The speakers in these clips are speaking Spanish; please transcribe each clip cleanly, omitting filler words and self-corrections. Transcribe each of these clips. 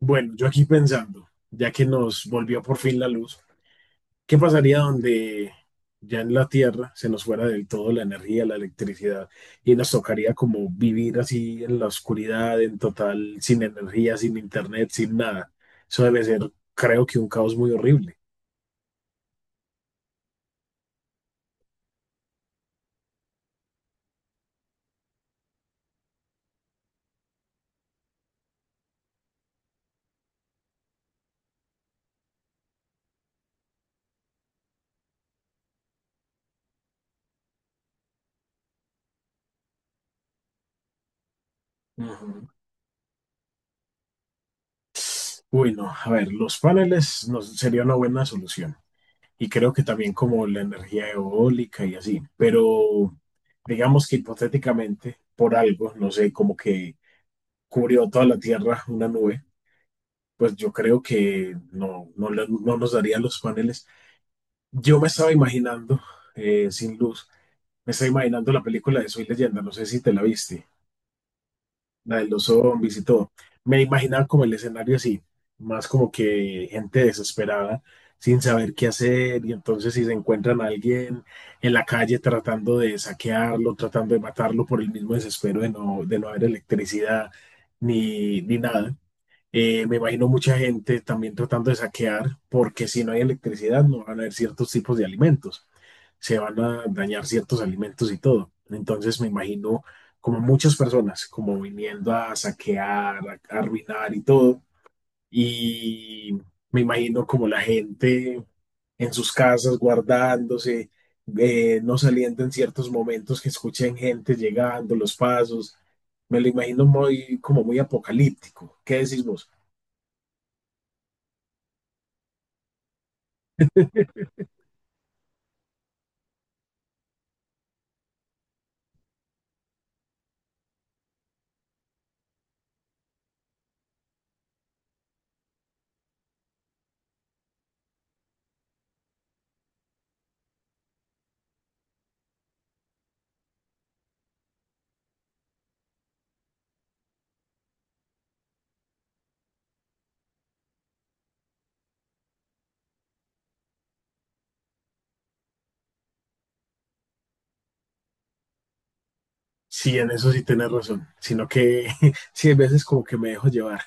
Bueno, yo aquí pensando, ya que nos volvió por fin la luz, ¿qué pasaría donde ya en la Tierra se nos fuera del todo la energía, la electricidad, y nos tocaría como vivir así en la oscuridad, en total, sin energía, sin internet, sin nada? Eso debe ser, creo que un caos muy horrible. Ujú. Uy, no, a ver, los paneles nos, sería una buena solución. Y creo que también como la energía eólica y así. Pero digamos que hipotéticamente, por algo, no sé, como que cubrió toda la Tierra una nube, pues yo creo que no nos darían los paneles. Yo me estaba imaginando, sin luz, me estaba imaginando la película de Soy Leyenda, no sé si te la viste, la de los zombies y todo. Me imaginaba como el escenario así, más como que gente desesperada, sin saber qué hacer, y entonces si se encuentran a alguien en la calle tratando de saquearlo, tratando de matarlo por el mismo desespero de no haber electricidad ni nada. Me imagino mucha gente también tratando de saquear, porque si no hay electricidad no van a haber ciertos tipos de alimentos, se van a dañar ciertos alimentos y todo. Entonces me imagino como muchas personas, como viniendo a saquear, a arruinar y todo. Y me imagino como la gente en sus casas guardándose, no saliendo en ciertos momentos que escuchen gente llegando, los pasos. Me lo imagino muy, como muy apocalíptico. ¿Qué decís vos? Sí, en eso sí tienes razón, sino que sí, hay veces como que me dejo llevar.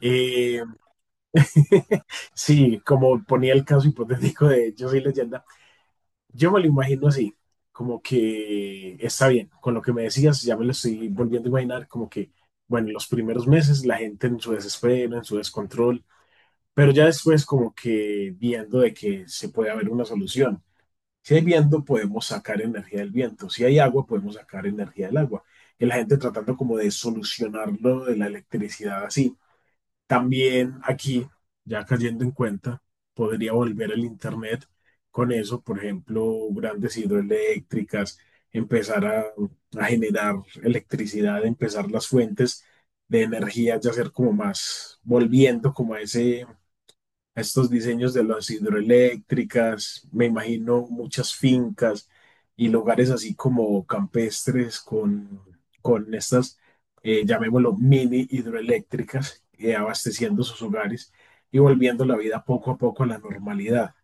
Eh, sí, como ponía el caso hipotético de Yo soy leyenda, yo me lo imagino así, como que está bien, con lo que me decías, ya me lo estoy volviendo a imaginar, como que, bueno, los primeros meses la gente en su desespero, en su descontrol, pero ya después como que viendo de que se puede haber una solución. Si hay viento, podemos sacar energía del viento. Si hay agua, podemos sacar energía del agua. Y la gente tratando como de solucionarlo de la electricidad así. También aquí, ya cayendo en cuenta, podría volver el Internet con eso, por ejemplo, grandes hidroeléctricas, empezar a generar electricidad, empezar las fuentes de energía, ya ser como más, volviendo como a ese estos diseños de las hidroeléctricas, me imagino muchas fincas y lugares así como campestres con estas, llamémoslo, mini hidroeléctricas, abasteciendo sus hogares y volviendo la vida poco a poco a la normalidad.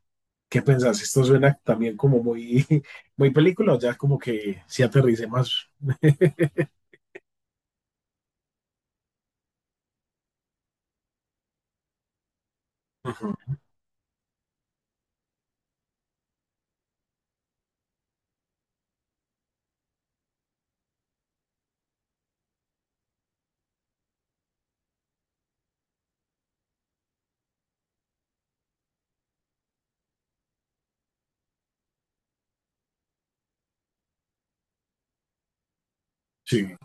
¿Qué pensás? Esto suena también como muy, muy película, o ya como que si aterrice más. Ujú. Sí,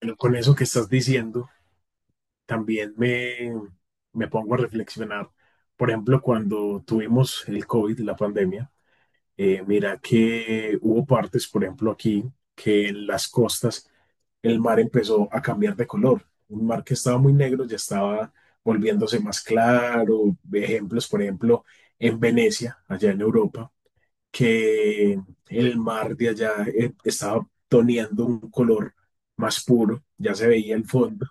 pero con eso que estás diciendo. también me, me pongo a reflexionar. Por ejemplo, cuando tuvimos el COVID, la pandemia, mira que hubo partes, por ejemplo, aquí, que en las costas el mar empezó a cambiar de color. Un mar que estaba muy negro ya estaba volviéndose más claro. Ejemplos, por ejemplo, en Venecia, allá en Europa, que el mar de allá estaba toneando un color más puro, ya se veía el fondo.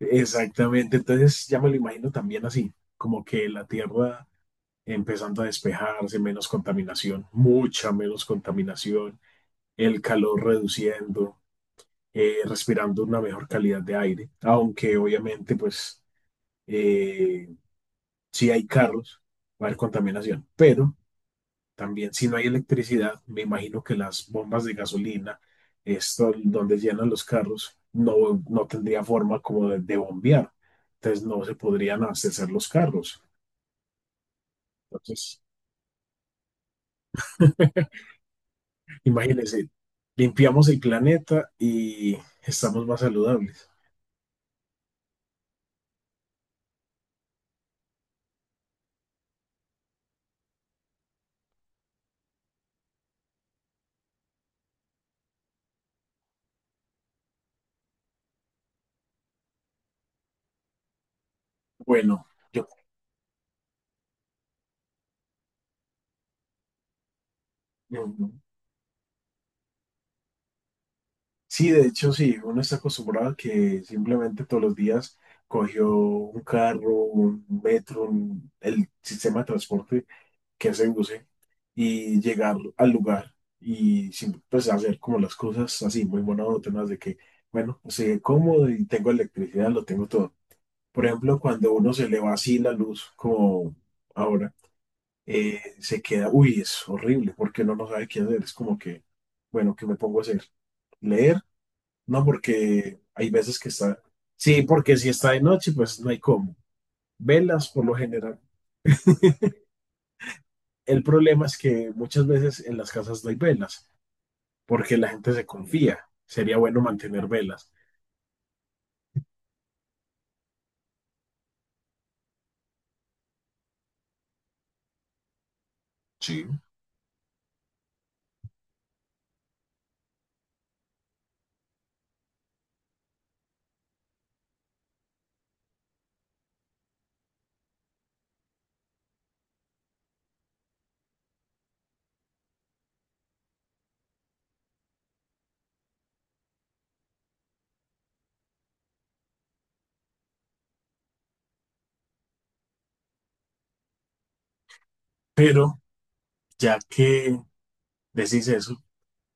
Exactamente, entonces ya me lo imagino también así, como que la Tierra empezando a despejarse, menos contaminación, mucha menos contaminación, el calor reduciendo, respirando una mejor calidad de aire, aunque obviamente pues eh, si hay carros va a haber contaminación, pero también, si no hay electricidad, me imagino que las bombas de gasolina, esto donde llenan los carros, no tendría forma como de bombear. Entonces no se podrían abastecer los carros. Entonces, imagínense, limpiamos el planeta y estamos más saludables. Bueno, yo mm, sí, de hecho, sí, uno está acostumbrado a que simplemente todos los días cogió un carro, un metro, el sistema de transporte que se use y llegar al lugar y sin, pues hacer como las cosas así, muy monótonas de que, bueno, sé cómodo y tengo electricidad, lo tengo todo. Por ejemplo, cuando uno se le va así la luz, como ahora, se queda, uy, es horrible porque uno no sabe qué hacer, es como que, bueno, ¿qué me pongo a hacer? ¿Leer? No, porque hay veces que está, sí, porque si está de noche, pues no hay cómo. Velas, por lo general. El problema es que muchas veces en las casas no hay velas, porque la gente se confía. Sería bueno mantener velas. Sí. Pero ya que decís eso,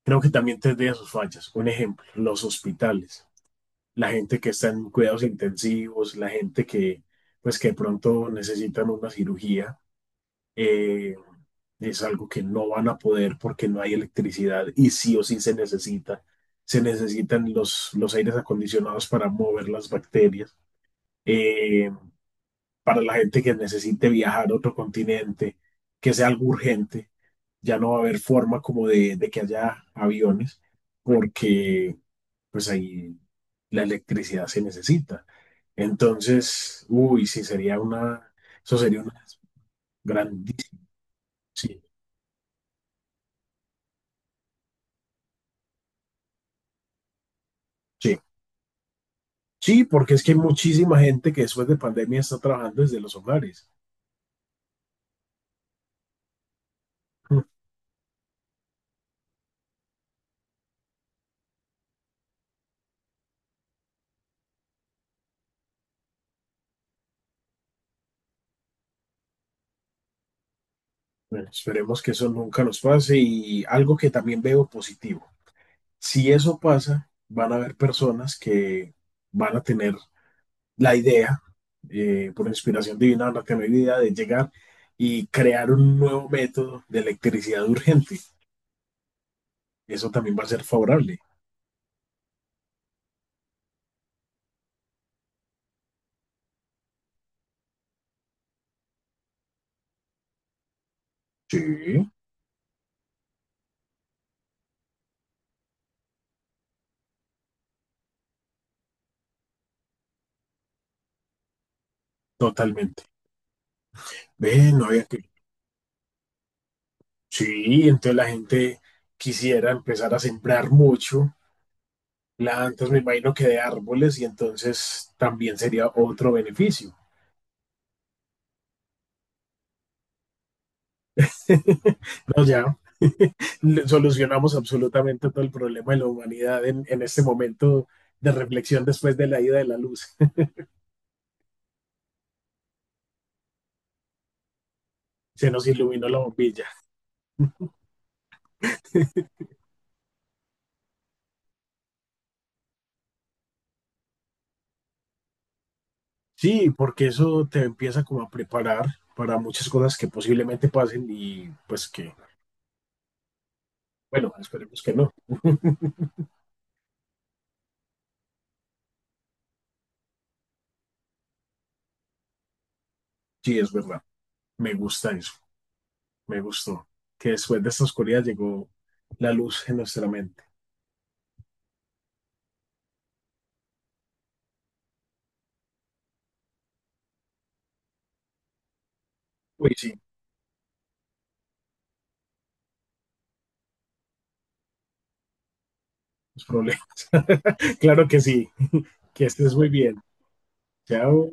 creo que también tendría sus fallas. Un ejemplo, los hospitales, la gente que está en cuidados intensivos, la gente que, pues, que de pronto necesitan una cirugía, eh, es algo que no van a poder porque no hay electricidad y sí o sí se necesita. Se necesitan los aires acondicionados para mover las bacterias. Eh, para la gente que necesite viajar a otro continente, que sea algo urgente, ya no va a haber forma como de que haya aviones, porque pues ahí la electricidad se necesita. Entonces, uy, sí, sería una, eso sería una grandísima, sí, sí, sí, porque es que hay muchísima gente que después de pandemia está trabajando desde los hogares. Mm. Bueno, esperemos que eso nunca nos pase y algo que también veo positivo. Si eso pasa, van a haber personas que van a tener la idea, por inspiración divina, van a tener la idea de llegar y crear un nuevo método de electricidad urgente. Eso también va a ser favorable. Sí, totalmente. Ve, no había que... Sí, entonces la gente quisiera empezar a sembrar mucho plantas, me imagino que de árboles, y entonces también sería otro beneficio. No, ya, solucionamos absolutamente todo el problema de la humanidad en este momento de reflexión después de la ida de la luz. Se nos iluminó la bombilla. Sí, porque eso te empieza como a preparar para muchas cosas que posiblemente pasen y pues que, bueno, esperemos que no. Sí, es verdad. Me gusta eso. Me gustó que después de esta oscuridad llegó la luz en nuestra mente. Uy, sí, los problemas. Claro que sí. Que estés muy bien. Chao.